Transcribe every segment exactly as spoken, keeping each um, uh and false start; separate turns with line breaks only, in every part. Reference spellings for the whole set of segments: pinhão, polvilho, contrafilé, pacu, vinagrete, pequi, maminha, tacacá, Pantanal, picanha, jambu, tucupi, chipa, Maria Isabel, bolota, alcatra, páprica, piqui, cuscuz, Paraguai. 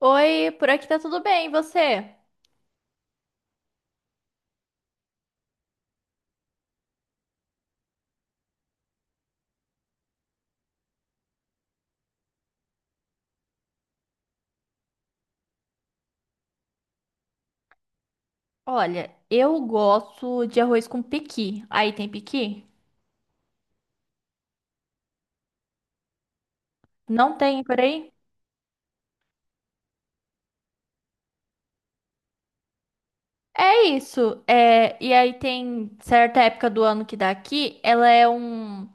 Oi, por aqui tá tudo bem, e você? Olha, eu gosto de arroz com pequi. Aí tem pequi? Não tem por aí? É isso. É, e aí tem certa época do ano que dá aqui, ela é um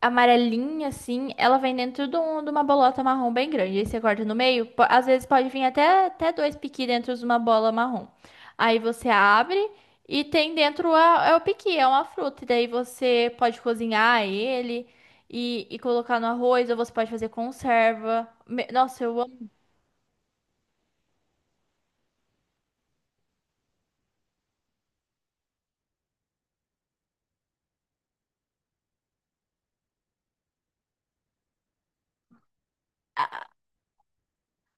amarelinha, assim, ela vem dentro de, um- de uma bolota marrom bem grande. Aí você corta no meio, po- às vezes pode vir até, até dois piqui dentro de uma bola marrom. Aí você abre e tem dentro a, é o piqui, é uma fruta. E daí você pode cozinhar ele e, e colocar no arroz, ou você pode fazer conserva. Me- Nossa, eu amo.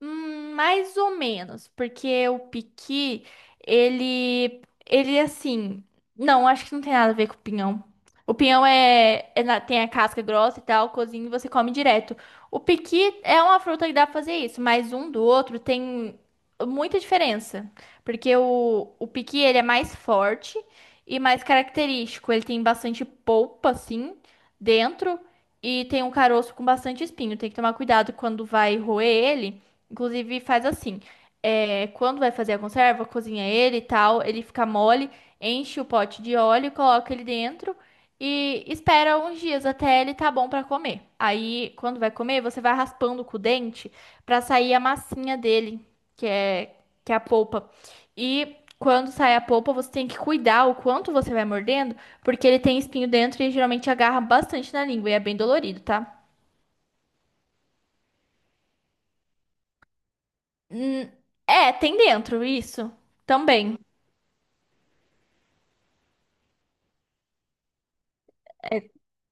Hum, Mais ou menos, porque o piqui, ele, ele assim, não, acho que não tem nada a ver com o pinhão. O pinhão é, é na- tem a casca grossa e tal, cozinha e você come direto. O piqui é uma fruta que dá pra fazer isso, mas um do outro tem muita diferença, porque o, o piqui, ele é mais forte e mais característico, ele tem bastante polpa, assim, dentro, e tem um caroço com bastante espinho, tem que tomar cuidado quando vai roer ele. Inclusive, faz assim. É, quando vai fazer a conserva, cozinha ele e tal, ele fica mole, enche o pote de óleo, coloca ele dentro e espera uns dias até ele tá bom pra comer. Aí, quando vai comer, você vai raspando com o dente pra sair a massinha dele, que é, que é a polpa. E quando sai a polpa, você tem que cuidar o quanto você vai mordendo, porque ele tem espinho dentro e geralmente agarra bastante na língua e é bem dolorido, tá? É, tem dentro, isso. Também.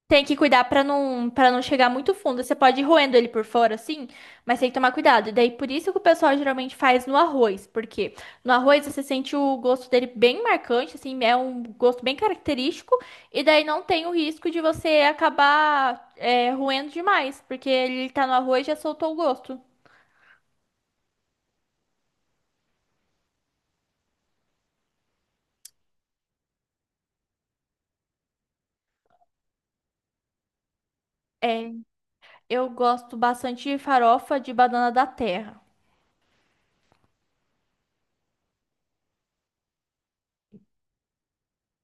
Tem que cuidar pra não, para não chegar muito fundo. Você pode ir roendo ele por fora, assim, mas tem que tomar cuidado. E daí, por isso que o pessoal geralmente faz no arroz, porque no arroz você sente o gosto dele bem marcante, assim, é um gosto bem característico, e daí não tem o risco de você acabar é, roendo demais, porque ele tá no arroz e já soltou o gosto. É, eu gosto bastante de farofa de banana da terra.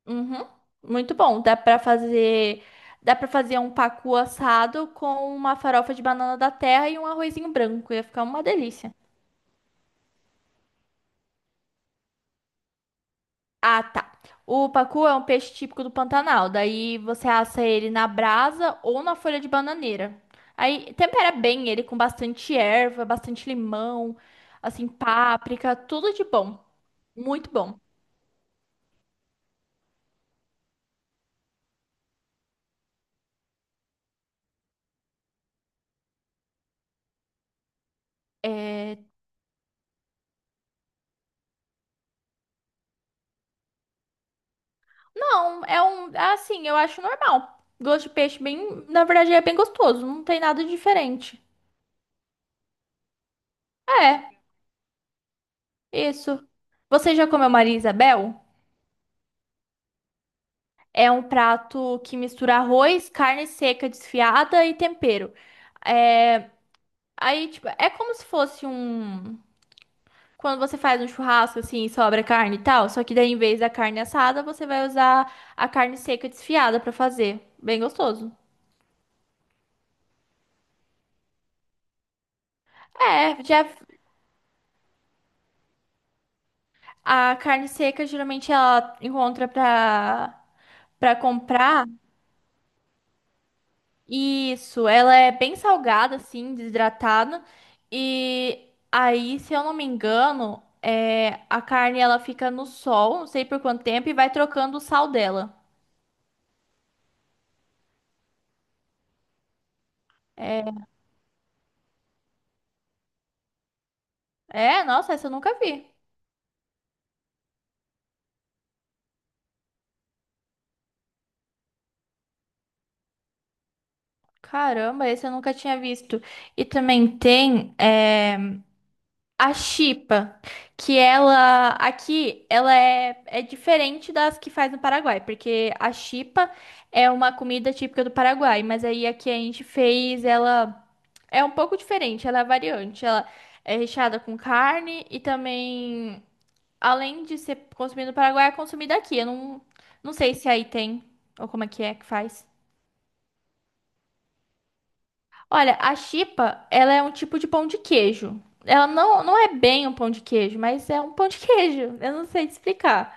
Uhum. Muito bom. Dá pra fazer, dá para fazer um pacu assado com uma farofa de banana da terra e um arrozinho branco. Ia ficar uma delícia. Ah, tá. O pacu é um peixe típico do Pantanal. Daí você assa ele na brasa ou na folha de bananeira. Aí tempera bem ele com bastante erva, bastante limão, assim, páprica, tudo de bom. Muito bom. É, não, é um. Assim, eu acho normal. Gosto de peixe bem. Na verdade, é bem gostoso. Não tem nada diferente. É, isso. Você já comeu Maria Isabel? É um prato que mistura arroz, carne seca desfiada e tempero. É, aí, tipo, é como se fosse um. Quando você faz um churrasco assim, e sobra carne e tal, só que daí em vez da carne assada, você vai usar a carne seca desfiada pra fazer. Bem gostoso. É, já a carne seca geralmente ela encontra pra para comprar. Isso, ela é bem salgada assim, desidratada. E aí, se eu não me engano, é, a carne ela fica no sol, não sei por quanto tempo e vai trocando o sal dela. É, nossa, essa eu nunca vi. Caramba, esse eu nunca tinha visto. E também tem, é, a chipa, que ela aqui, ela é, é diferente das que faz no Paraguai, porque a chipa é uma comida típica do Paraguai, mas aí aqui a gente fez ela é um pouco diferente, ela é variante, ela é recheada com carne e também além de ser consumida no Paraguai, é consumida aqui. Eu não, não sei se aí tem ou como é que é que faz. Olha, a chipa, ela é um tipo de pão de queijo. Ela não, não é bem um pão de queijo, mas é um pão de queijo. Eu não sei te explicar.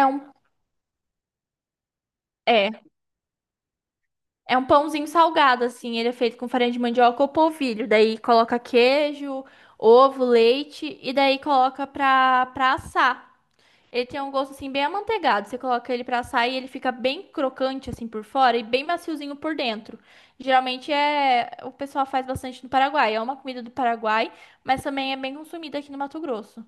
É um, é, é um pãozinho salgado, assim. Ele é feito com farinha de mandioca ou polvilho. Daí coloca queijo, ovo, leite e daí coloca pra, pra assar. Ele tem um gosto assim bem amanteigado. Você coloca ele pra assar e ele fica bem crocante assim por fora e bem maciozinho por dentro. Geralmente é o pessoal faz bastante no Paraguai. É uma comida do Paraguai, mas também é bem consumida aqui no Mato Grosso.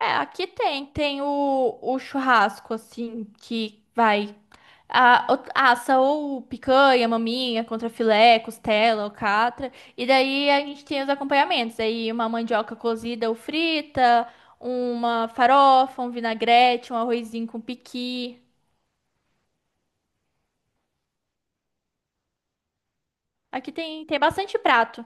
É, aqui tem, tem o, o churrasco, assim, que vai. A, o- assa ou picanha, maminha, contrafilé, costela, alcatra. E daí a gente tem os acompanhamentos. Aí uma mandioca cozida ou frita, uma farofa, um vinagrete, um arrozinho com piqui. Aqui tem, tem bastante prato.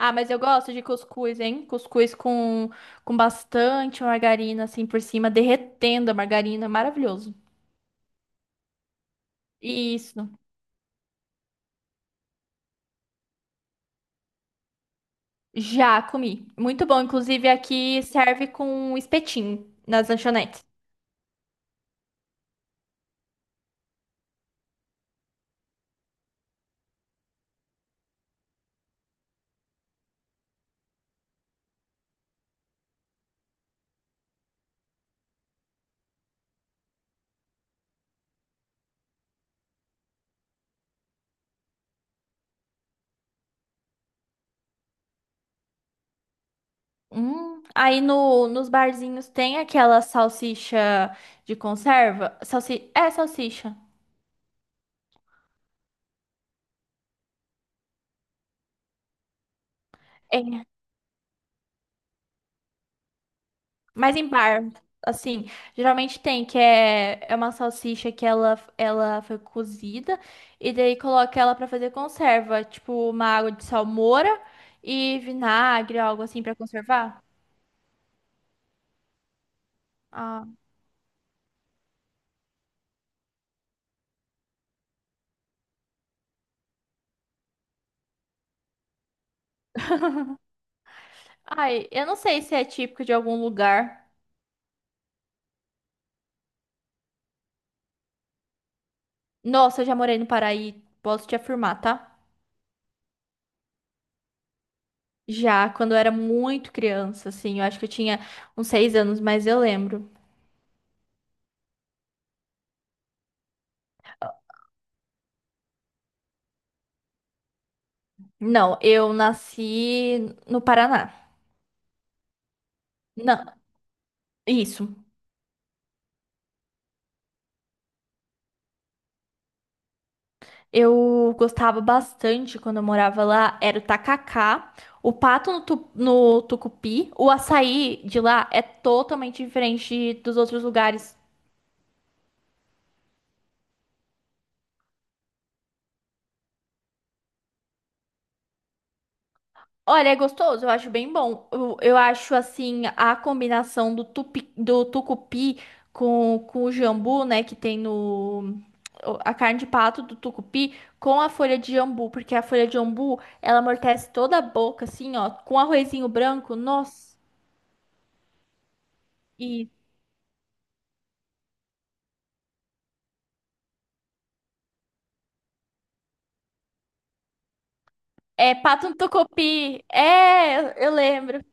Ah, mas eu gosto de cuscuz, hein? Cuscuz com, com bastante margarina, assim, por cima, derretendo a margarina. Maravilhoso. Isso. Já comi. Muito bom. Inclusive, aqui serve com espetinho nas lanchonetes. Hum. Aí no, nos barzinhos tem aquela salsicha de conserva. Salsi... É salsicha. É. Mas em bar, assim, geralmente tem, que é, é uma salsicha que ela, ela foi cozida e daí coloca ela pra fazer conserva, tipo uma água de salmoura e vinagre, algo assim pra conservar. Ah. Ai, eu não sei se é típico de algum lugar. Nossa, eu já morei no Paraí, posso te afirmar, tá? Já, quando eu era muito criança, assim, eu acho que eu tinha uns seis anos, mas eu lembro. Não, eu nasci no Paraná. Não, isso. Eu gostava bastante quando eu morava lá, era o tacacá, o pato no, tu- no tucupi, o açaí de lá é totalmente diferente dos outros lugares. Olha, é gostoso, eu acho bem bom. Eu, eu acho assim a combinação do, tupi, do tucupi com, com o jambu, né, que tem no o- a carne de pato do tucupi com a folha de jambu, porque a folha de jambu, ela amortece toda a boca assim, ó, com arrozinho branco. Nossa, e é pato no tucupi. É, eu, eu lembro.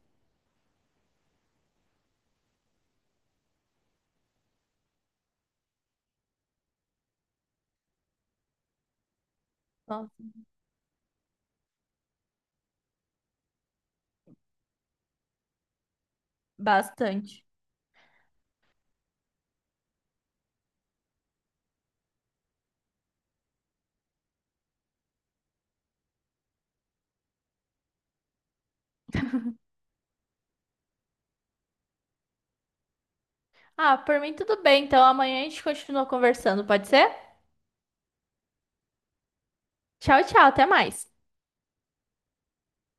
Nossa, bastante. Ah, por mim tudo bem. Então amanhã a gente continua conversando, pode ser? Tchau, tchau, até mais.